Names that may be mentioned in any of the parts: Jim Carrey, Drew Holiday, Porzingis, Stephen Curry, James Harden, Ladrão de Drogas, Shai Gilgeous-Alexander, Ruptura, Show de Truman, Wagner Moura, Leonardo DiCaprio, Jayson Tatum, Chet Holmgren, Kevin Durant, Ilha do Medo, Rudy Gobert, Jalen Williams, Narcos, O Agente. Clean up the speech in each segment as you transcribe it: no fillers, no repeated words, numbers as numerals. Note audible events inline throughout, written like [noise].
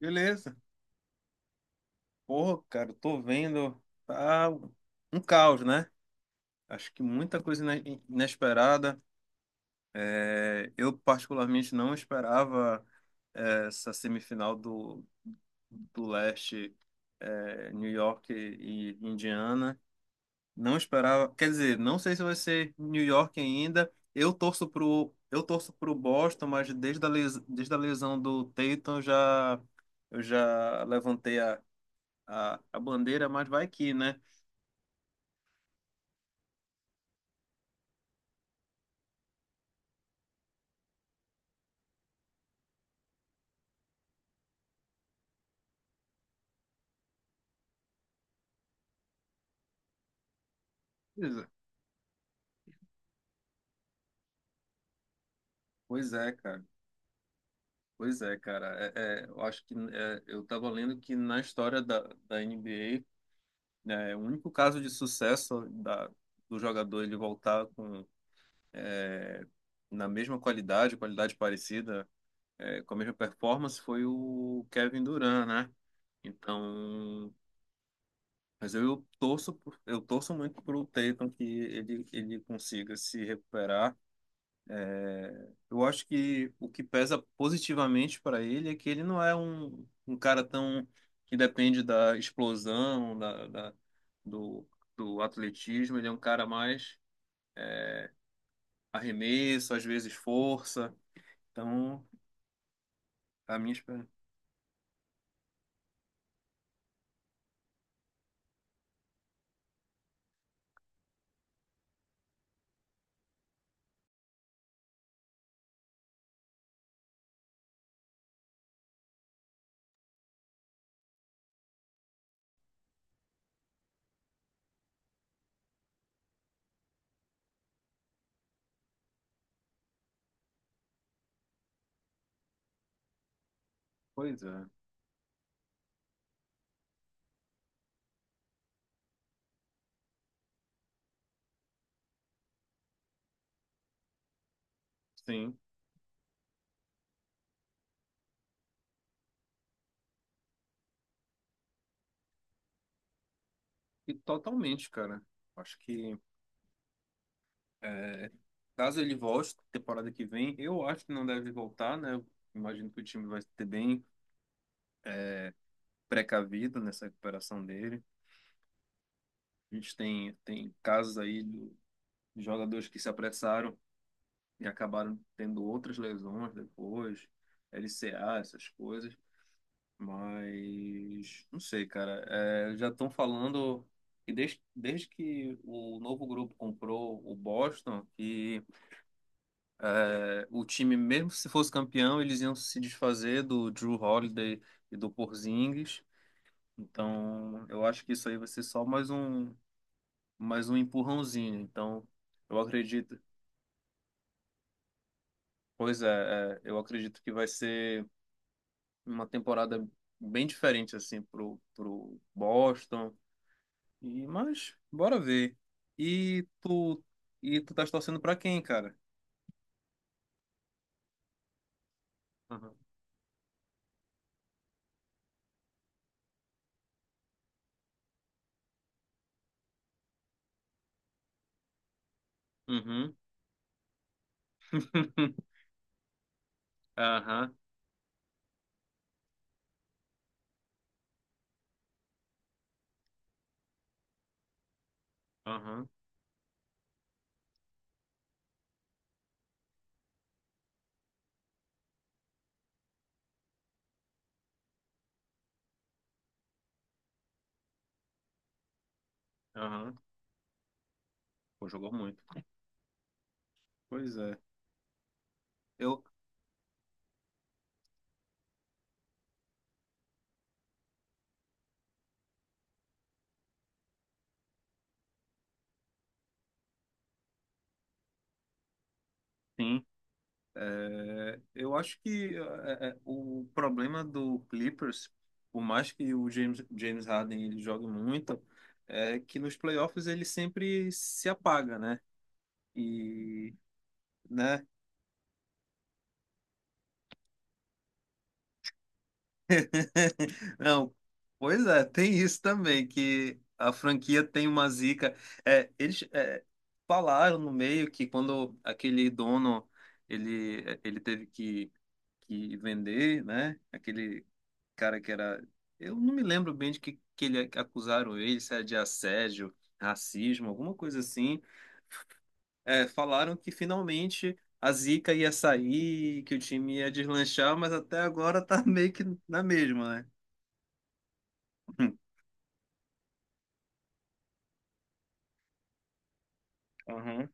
Beleza. Porra, cara, eu tô vendo. Tá um caos, né? Acho que muita coisa inesperada. É, eu, particularmente, não esperava essa semifinal do leste, New York e Indiana. Não esperava. Quer dizer, não sei se vai ser New York ainda. Eu torço pro Boston, mas desde a lesão do Tatum, eu já levantei a bandeira, mas vai que, né? Pois é, cara. Pois é, cara. É, eu acho que eu estava lendo que na história da NBA, né, o único caso de sucesso da, do jogador ele voltar com, na mesma qualidade, qualidade parecida, com a mesma performance, foi o Kevin Durant, né? Então, mas eu torço muito pro Tatum, que ele consiga se recuperar. Eu acho que o que pesa positivamente para ele é que ele não é um cara tão que depende da explosão, do, do atletismo. Ele é um cara mais arremesso, às vezes força. Então, a minha esperança. Pois é, sim. E totalmente, cara. Acho que é, caso ele volte temporada que vem, eu acho que não deve voltar, né? Eu imagino que o time vai ter bem precavido nessa recuperação dele. A gente tem casos aí de jogadores que se apressaram e acabaram tendo outras lesões depois, LCA, essas coisas. Mas não sei, cara. É, já estão falando que desde que o novo grupo comprou o Boston, que o time, mesmo se fosse campeão, eles iam se desfazer do Drew Holiday e do Porzingis. Então, eu acho que isso aí vai ser só mais um empurrãozinho. Então, eu acredito. Pois é, eu acredito que vai ser uma temporada bem diferente assim pro Boston. E mas bora ver. E tu e tu tá torcendo pra quem, cara? Aham. Uhum. [laughs] Aham. Aham. Aham. Pô, jogou muito. Pois é. Eu sim. É, eu acho que o problema do Clippers, por mais que o James Harden ele jogue muito, é que nos playoffs ele sempre se apaga, né? E, né? [laughs] Não, pois é, tem isso também, que a franquia tem uma zica. É, eles falaram no meio que quando aquele dono, ele teve que vender, né? Aquele cara que era. Eu não me lembro bem de que ele, que acusaram ele, se era de assédio, racismo, alguma coisa assim. É, falaram que finalmente a Zica ia sair, que o time ia deslanchar, mas até agora tá [laughs] meio que na mesma, né? [laughs] Aham.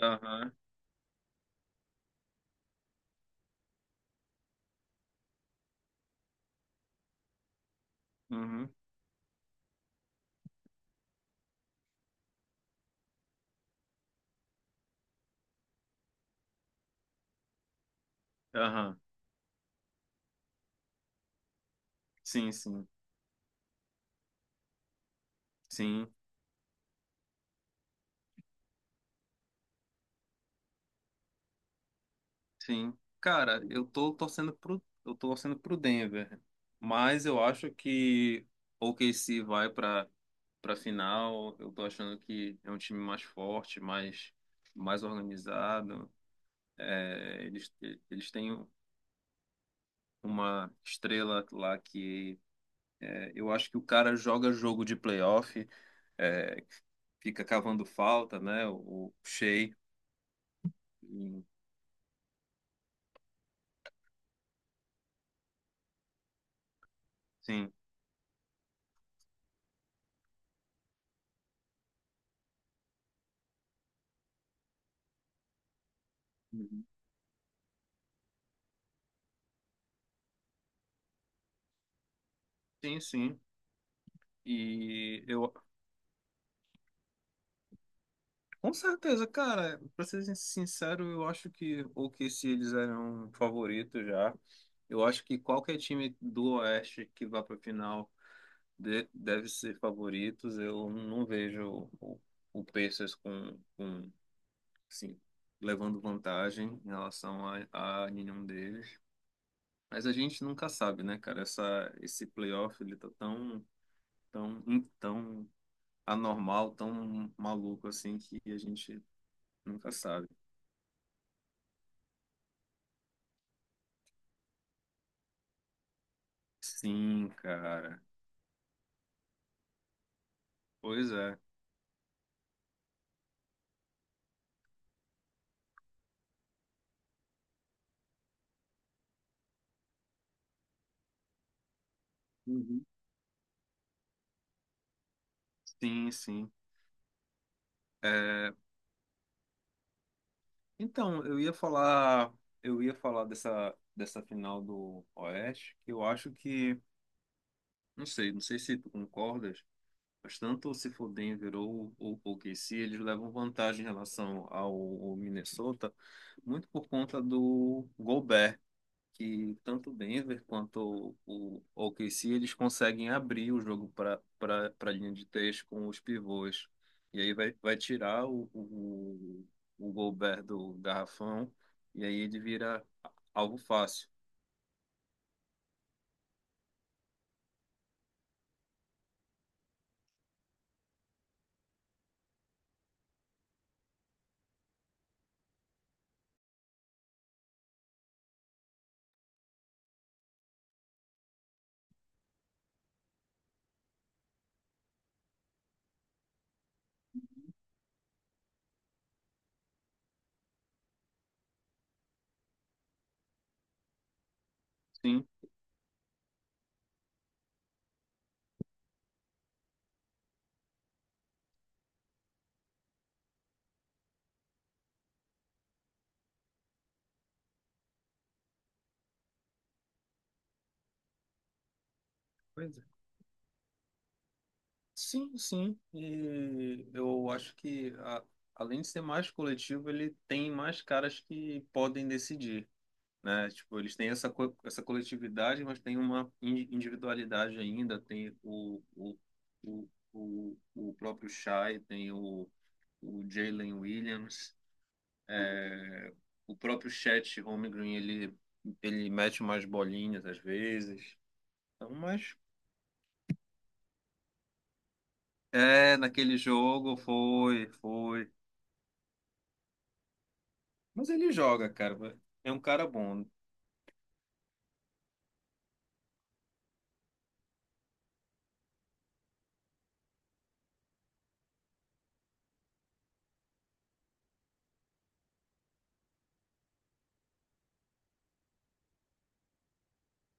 Aham. Uhum. Aham. Sim, sim. Sim. Sim. Cara, eu tô torcendo pro Denver, mas eu acho que o OKC vai para para final. Eu tô achando que é um time mais forte, mais organizado. É, eles têm uma estrela lá que eu acho que o cara joga jogo de playoff, é, fica cavando falta, né? O Shea. E- Sim. Uhum. Sim, sim. E eu. Com certeza, cara, pra ser sincero, eu acho que, ou que se eles eram favoritos já, eu acho que qualquer time do Oeste que vá pra final deve ser favoritos. Eu não vejo o Pacers com, assim, levando vantagem em relação a nenhum deles. Mas a gente nunca sabe, né, cara? Esse playoff, ele tá tão, tão anormal, tão maluco assim, que a gente nunca sabe. Sim, cara. Pois é. Uhum. Sim, sim. É, então, eu ia falar dessa final do Oeste, que eu acho que, não sei se tu concordas, mas tanto se for Denver ou OKC, eles levam vantagem em relação ao Minnesota, muito por conta do Gobert, que tanto o Denver quanto o OKC eles conseguem abrir o jogo para a linha de três com os pivôs. E aí vai tirar o Gobert do garrafão, e aí ele vira algo fácil. Sim, pois é. Sim, sim. E eu acho que, além de ser mais coletivo, ele tem mais caras que podem decidir. Né? Tipo, eles têm essa coletividade, mas tem uma individualidade ainda, tem o, próprio Shai, tem o Jalen Williams, é, o próprio Chet Holmgren, ele mete umas bolinhas às vezes, então, mas naquele jogo foi, mas ele joga, cara, é um cara bom.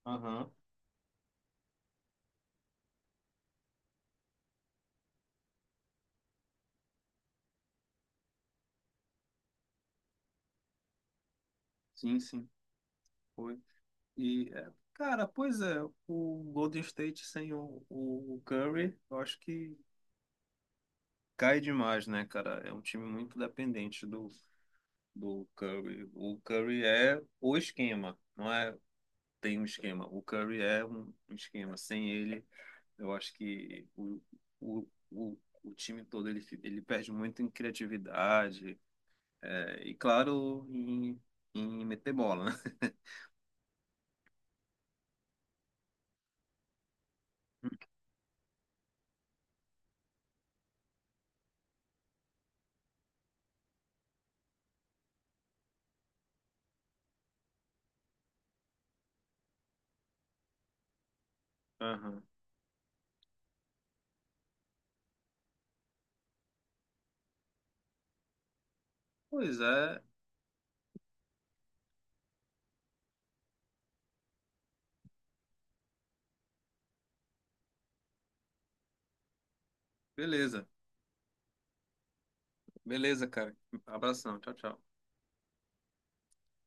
Aham. Sim, sim. Foi. E, cara, pois é, o Golden State sem o Curry, eu acho que cai demais, né, cara? É um time muito dependente do Curry. O Curry é o esquema, não é, tem um esquema. O Curry é um esquema. Sem ele, eu acho que o, o, o time todo, ele perde muito em criatividade, e claro, em meter bola, né? [laughs] Aham. Pois é, beleza. Beleza, cara. Abração. Tchau, tchau.